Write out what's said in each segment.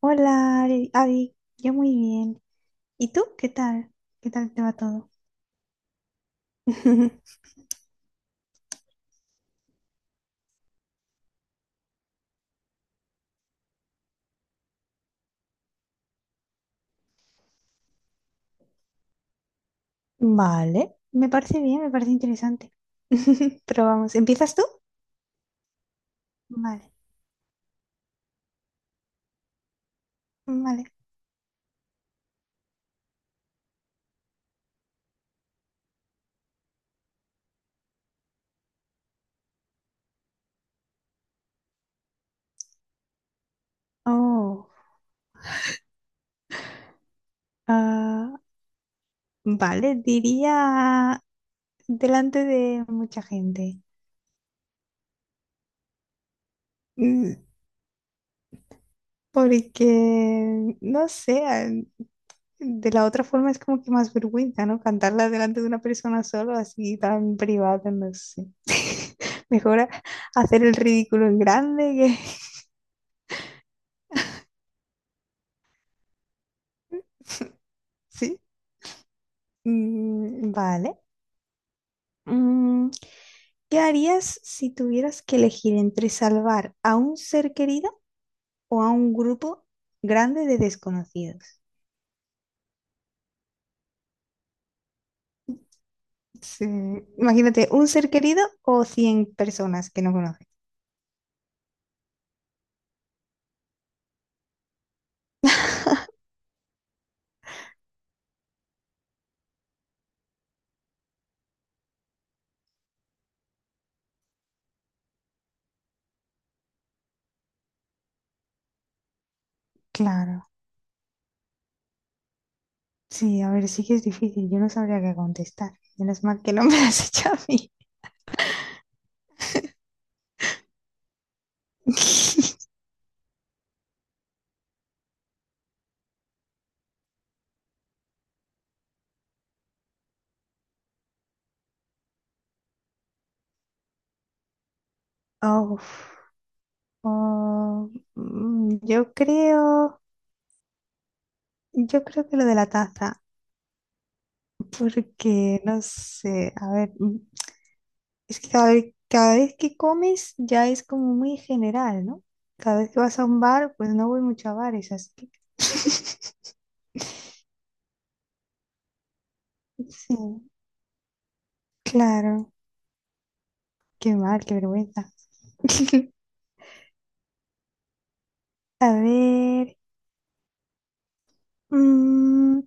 Hola, Ari, Adi. Yo muy bien. ¿Y tú? ¿Qué tal? ¿Qué tal te va todo? Vale, me parece bien, me parece interesante. Pero vamos, ¿empiezas tú? Vale, vale. Oh, ah, vale, diría delante de mucha gente. Mm, Porque, no sé, de la otra forma es como que más vergüenza, ¿no? Cantarla delante de una persona solo, así tan privada, no sé. Mejor hacer el ridículo en grande que. Sí. Mm, vale. Mm, ¿Qué harías si tuvieras que elegir entre salvar a un ser querido o a un grupo grande de desconocidos? Sí. Imagínate, un ser querido o 100 personas que no conoces. Claro. Sí, a ver, sí que es difícil. Yo no sabría qué contestar. Menos mal que no me lo has hecho a mí. Oh, oh, mm, yo creo, yo creo que lo de la taza, porque no sé, a ver, es que cada vez que comes ya es como muy general, ¿no? Cada vez que vas a un bar, pues no voy mucho a bares, así que. Sí, claro, qué mal, qué vergüenza. A ver, mm,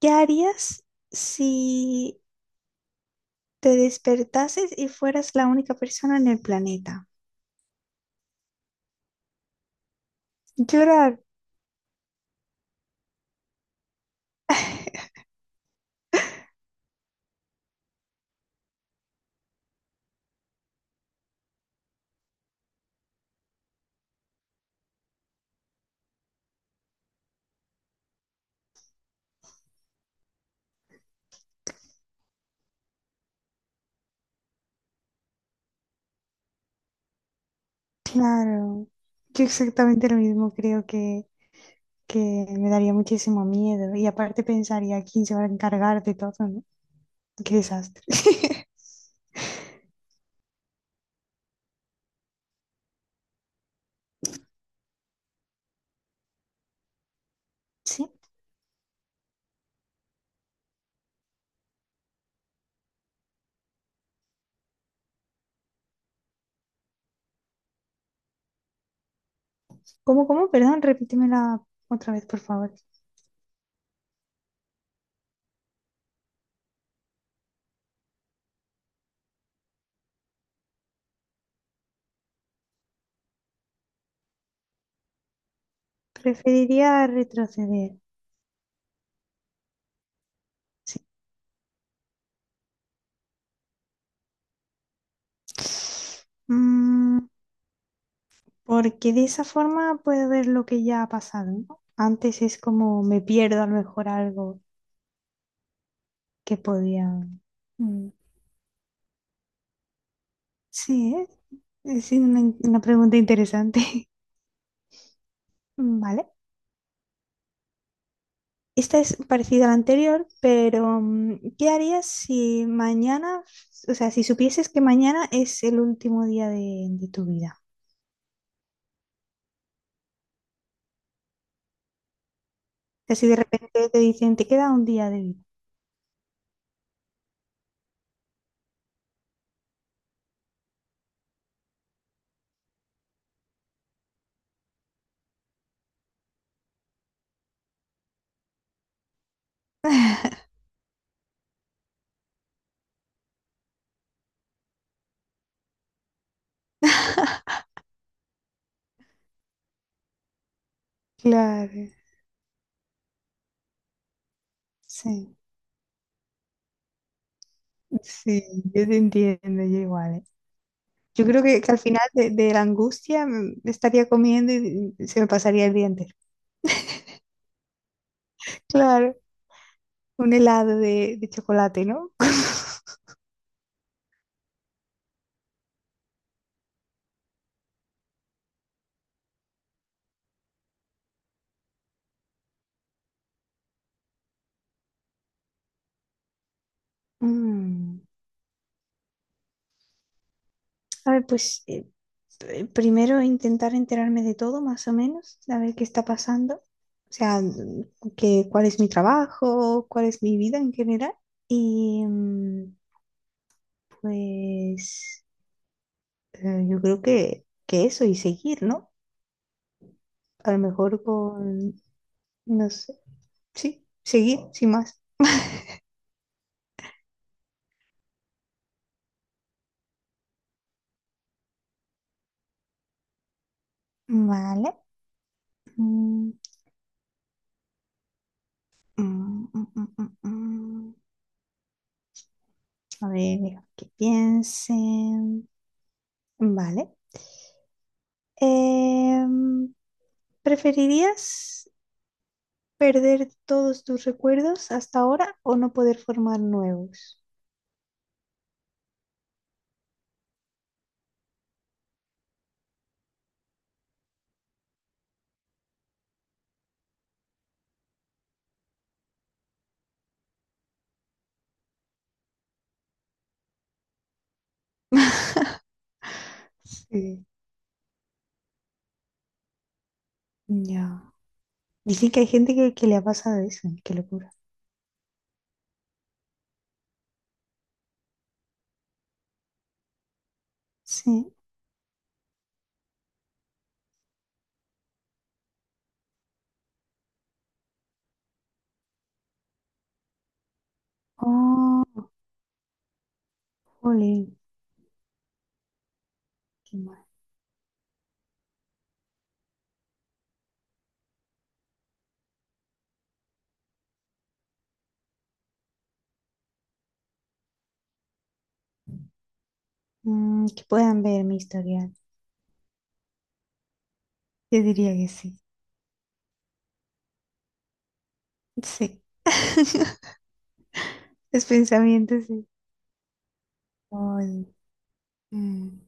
¿qué harías si te despertases y fueras la única persona en el planeta? Yo era, claro, yo exactamente lo mismo, creo que me daría muchísimo miedo y aparte pensaría quién se va a encargar de todo, ¿no? Qué desastre. Sí, ¿cómo? Perdón, repítemela otra vez, por favor. Preferiría retroceder, sí. Mm, porque de esa forma puedo ver lo que ya ha pasado, ¿no? Antes es como me pierdo a lo mejor algo que podía. Mm. Sí, ¿eh? Es una pregunta interesante. Vale. Esta es parecida a la anterior, pero ¿qué harías si mañana, o sea, si supieses que mañana es el último día de tu vida? O sea, si de repente te dicen, te queda un día de vida. Claro, sí, sí, yo te entiendo, yo igual. ¿Eh? Yo creo que al final de la angustia me estaría comiendo y se me pasaría el día entero. Claro, un helado de chocolate, ¿no? Mm, A ver, pues primero intentar enterarme de todo, más o menos, a ver qué está pasando. O sea, cuál es mi trabajo, cuál es mi vida en general. Y pues yo creo que eso y seguir, ¿no? A lo mejor con, no sé, sí, seguir, sin más. Vale. Mm, mm, mm, mm, mm, mm. A ver, deja que piensen. Vale. Em, ¿Preferirías perder todos tus recuerdos hasta ahora o no poder formar nuevos? Sí, ya. Dicen que hay gente que le ha pasado eso, qué locura. Sí. Oh, jolín, qué mal. Que puedan ver mi historial. Yo diría que sí. Sí. Es pensamiento, sí. Voy. Mm,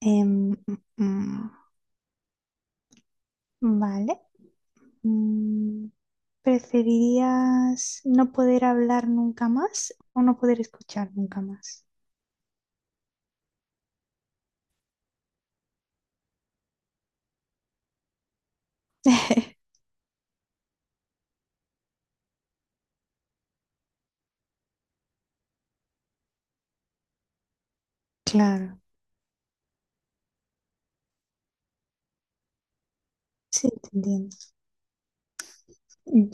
em, mm, vale. Mm, ¿Preferirías no poder hablar nunca más o no poder escuchar nunca más? Claro, sí, te entiendo.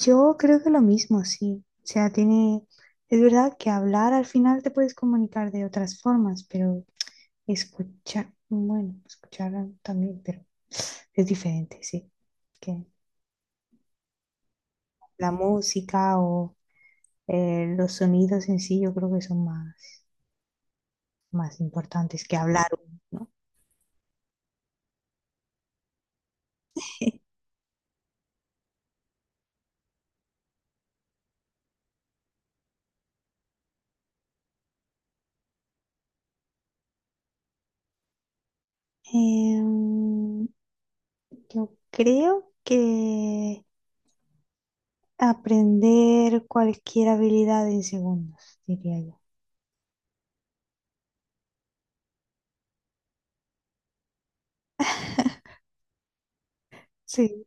Yo creo que lo mismo, sí. O sea, tiene, es verdad que hablar al final te puedes comunicar de otras formas, pero escuchar, bueno, escuchar también, pero es diferente, sí. Que la música o los sonidos en sí yo creo que son más, más importantes que hablar, ¿no? Em, yo creo que aprender cualquier habilidad en segundos, diría yo. Sí,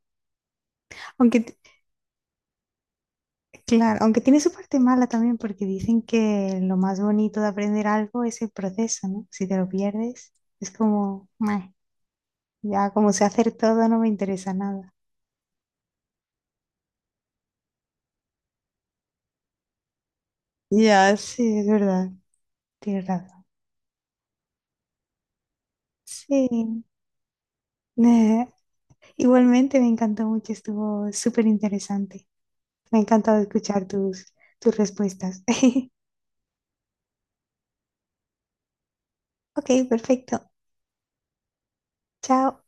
aunque, claro, aunque tiene su parte mala también porque dicen que lo más bonito de aprender algo es el proceso, ¿no? Si te lo pierdes, es como, "Meh, ya como sé hacer todo, no me interesa nada." Ya, sí, es verdad, tienes razón. Sí, Eh, igualmente me encantó mucho, estuvo súper interesante. Me ha encantado escuchar tus respuestas. Ok, perfecto. Chao.